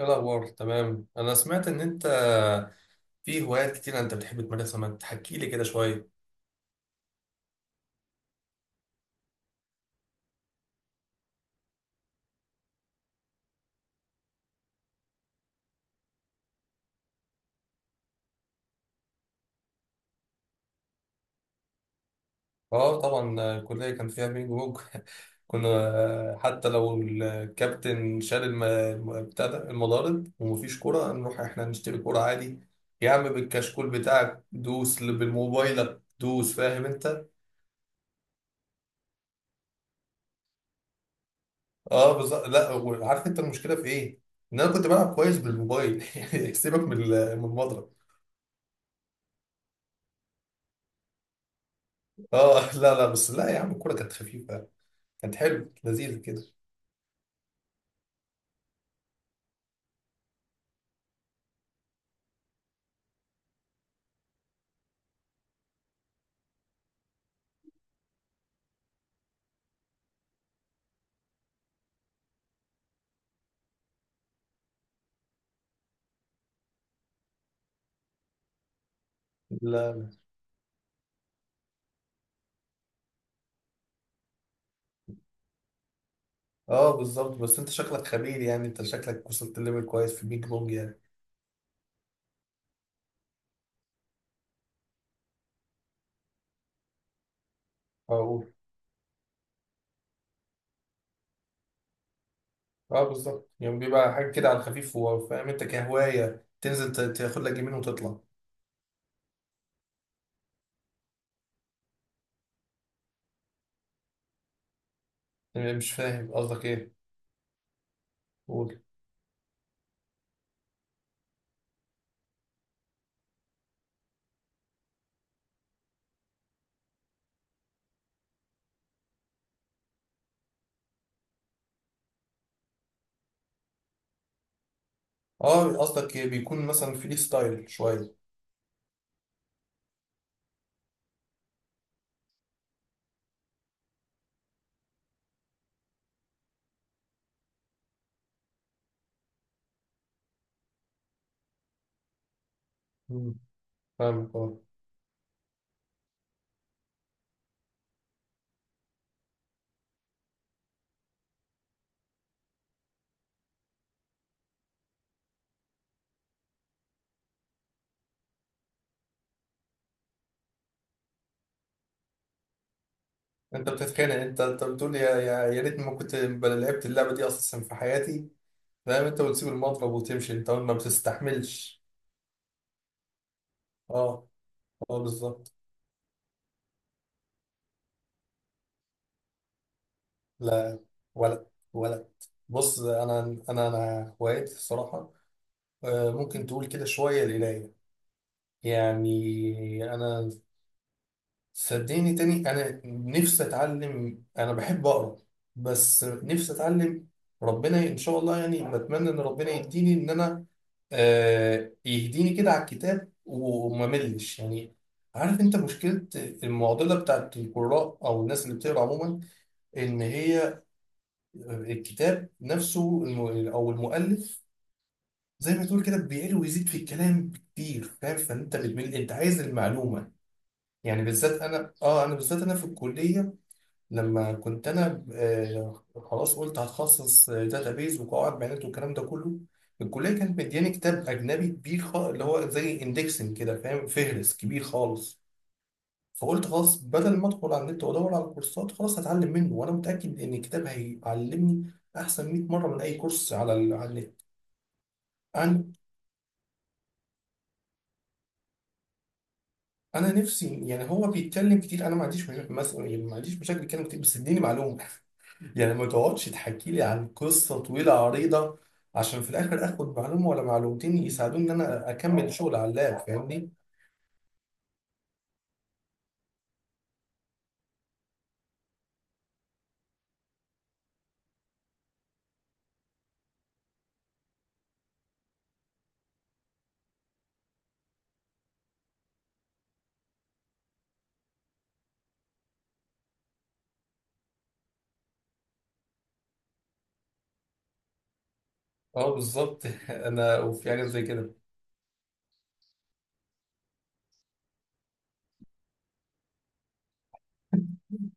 ايه الاخبار؟ تمام. انا سمعت ان انت في هوايات كتير انت بتحب تمارسها، ما تحكي لي كده شويه. اه طبعا، الكليه كان فيها بينج بونج. كنا حتى لو الكابتن شال بتاع ده المضارب ومفيش كوره، نروح احنا نشتري كوره عادي. يا عم بالكشكول بتاعك دوس، اللي بالموبايلك دوس، فاهم انت. اه بالظبط. لا عارف انت المشكله في ايه، ان انا كنت بلعب كويس بالموبايل. يعني سيبك من من المضرب. اه لا لا، بس لا يا عم، الكوره كانت خفيفه، كانت حلو لذيذ كده. لا. اه بالظبط، بس انت شكلك خبير، يعني انت شكلك وصلت ليفل كويس في البيج بونج يعني. اقول. اه بالظبط، يعني بيبقى حاجه كده على الخفيف، وفاهم انت كهوايه تنزل تاخد لك جيمين وتطلع. يعني مش فاهم قصدك ايه. قول. اه قصدك إيه؟ بيكون مثلا فري ستايل شويه. مم. فاهمك اه. انت بتتخانق، انت انت بتقول يا ريتني ما كنت لعبت اللعبه دي اساسا في حياتي، فاهم انت، وتسيب المضرب وتمشي، انت ما بتستحملش. اه. اه بالظبط. لا. ولد، ولد، بص انا. انا انا هوايتي الصراحه، ممكن تقول كده شويه القرايه. يعني انا، صدقني تاني، انا نفسي اتعلم، انا بحب اقرا، بس نفسي اتعلم. ربنا ان شاء الله، يعني بتمنى ان ربنا يديني ان انا يهديني كده على الكتاب وما ملش يعني. عارف انت مشكله، المعضله بتاعت القراء او الناس اللي بتقرا عموما، ان هي الكتاب نفسه او المؤلف، زي ما تقول كده بيعلي ويزيد في الكلام كتير، فاهم، فانت بتمل، انت عايز المعلومه. يعني بالذات انا، اه انا بالذات انا في الكليه لما كنت انا آه خلاص، قلت هتخصص داتابيز وقواعد بيانات والكلام ده كله. الكليه كانت مدياني كتاب اجنبي كبير خالص، اللي هو زي اندكسنج كده، فاهم، فهرس كبير خالص. فقلت خلاص، بدل ما ادخل على النت وادور على كورسات، خلاص هتعلم منه، وانا متاكد ان الكتاب هيعلمني احسن 100 مره من اي كورس على على النت. انا، انا نفسي يعني هو بيتكلم كتير، انا ما عنديش يعني ما عنديش مشاكل يتكلم كتير، بس اديني معلومه. يعني ما تقعدش تحكي لي عن قصه طويله عريضه، عشان في الاخر اخد معلومه ولا معلومتين يساعدوني ان انا اكمل شغل على اللاب، فاهمني. اه بالظبط. انا وفي حاجه زي كده.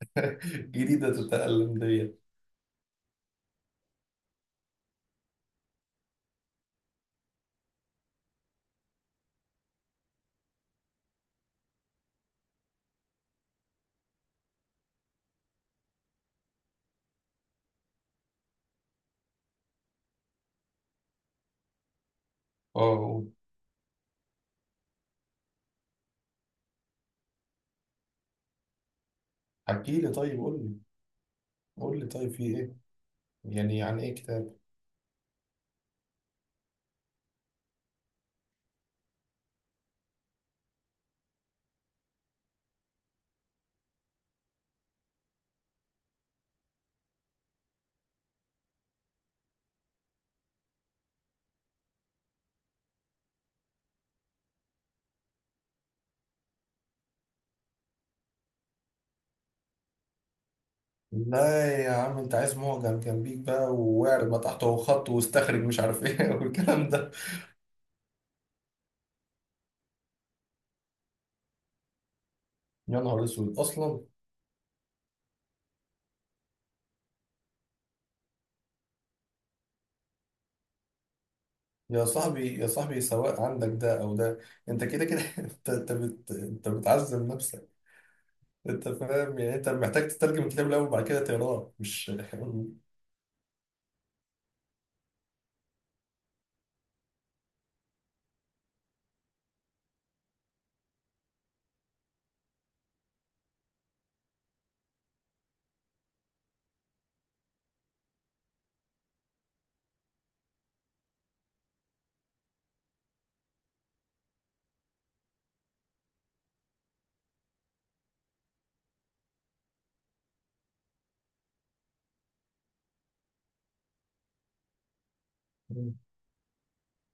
جديده تتألم ديت. اه حكي لي طيب، قول لي. قول لي طيب في ايه، يعني يعني ايه كتاب. لا يا عم، انت عايز معجم جنبيك بقى، واعرب تحته وخط واستخرج مش عارف ايه، والكلام ده. يا نهار اسود اصلا. يا صاحبي، يا صاحبي، سواء عندك ده او ده انت كده كده، انت انت بتعذب نفسك. انت فاهم يعني، انت محتاج تترجم الكتاب الاول وبعد كده تقراه مش.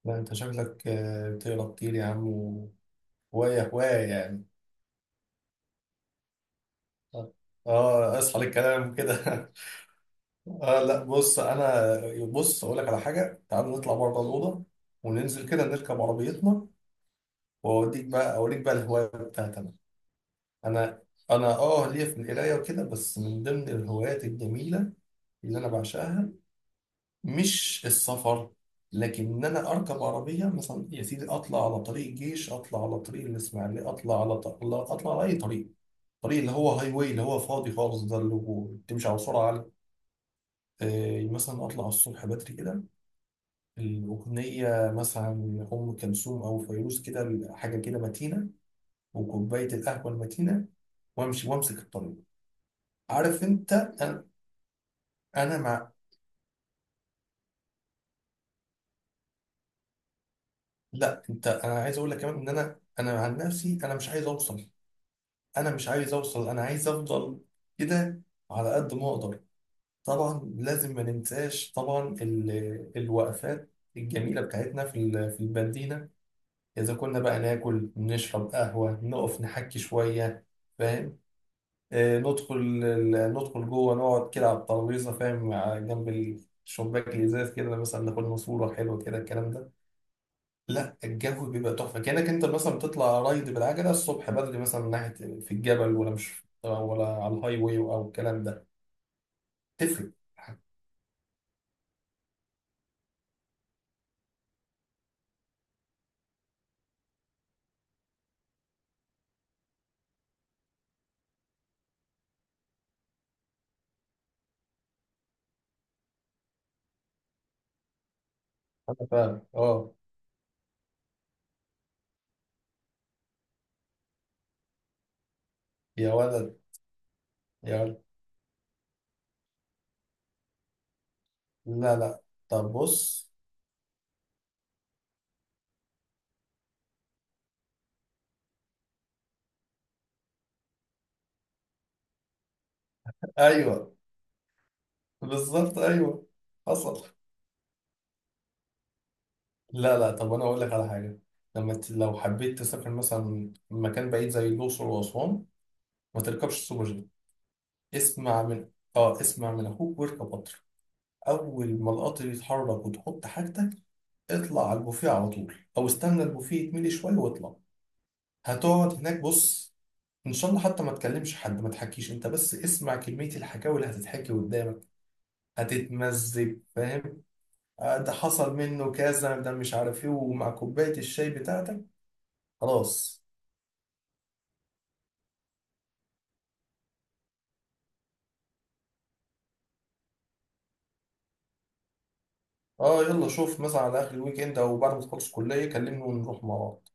لا انت شكلك بتقرا كتير يا عم، وهوايه هوايه يعني. اه اصحى للكلام كده. آه لا بص انا، بص اقول لك على حاجه، تعال نطلع بره الاوضه، وننزل كده نركب عربيتنا، واوديك بقى، اوريك بقى الهوايه بتاعتي انا. انا، انا ليا في القرايه وكده، بس من ضمن الهوايات الجميله اللي انا بعشقها، مش السفر، لكن ان انا اركب عربيه مثلا يا سيدي، اطلع على طريق الجيش، اطلع على طريق الاسماعيليه، اطلع على ط- لا، اطلع على اي طريق، الطريق اللي هو هاي واي، اللي هو فاضي خالص، ده اللي هو بتمشي على سرعه عاليه. مثلا اطلع الصبح بدري كده، الأغنية مثلا أم كلثوم أو فيروز كده، حاجة كده متينة، وكوباية القهوة المتينة، وأمشي وأمسك الطريق، عارف أنت. أنا، أنا مع. لا أنت، أنا عايز أقول لك كمان إن أنا، أنا عن نفسي أنا مش عايز أوصل، أنا مش عايز أوصل، أنا عايز أفضل كده على قد ما أقدر. طبعا لازم ما ننساش طبعا الوقفات الجميلة بتاعتنا في في المدينة، إذا كنا بقى ناكل، نشرب قهوة، نقف نحكي شوية، فاهم، ندخل ندخل جوه، نقعد كده على الترابيزه، فاهم، جنب الشباك الازاز كده، مثلا ناخد لنا صوره حلوه كده، الكلام ده. لا الجو بيبقى تحفه، كانك انت مثلا بتطلع رايد بالعجله الصبح بدري مثلا من ناحيه في الجبل، ولا مش، ولا على الهاي واي او الكلام ده، تفرق. انا فاهم اه. يا ولد، يا ولد. لا لا، طب بص. ايوه بالظبط ايوه. حصل. لا لا، طب انا اقول لك على حاجه، لما لو حبيت تسافر مثلا مكان بعيد زي الاقصر واسوان، ما تركبش سوبر جيت، اسمع من. اه اسمع من اخوك واركب قطر، اول ما القطر يتحرك وتحط حاجتك، اطلع على البوفيه على طول، او استنى البوفيه يتملي شويه واطلع. هتقعد هناك بص، ان شاء الله حتى ما تكلمش حد، ما تحكيش انت، بس اسمع كميه الحكاوي اللي هتتحكي قدامك، هتتمزج فاهم، ده حصل منه كذا، ده مش عارف ايه، ومع كوبايه الشاي بتاعتك، خلاص. اه يلا شوف مثلا على اخر الويك اند او بعد ما تخلص الكليه كلمني، ونروح مع بعض.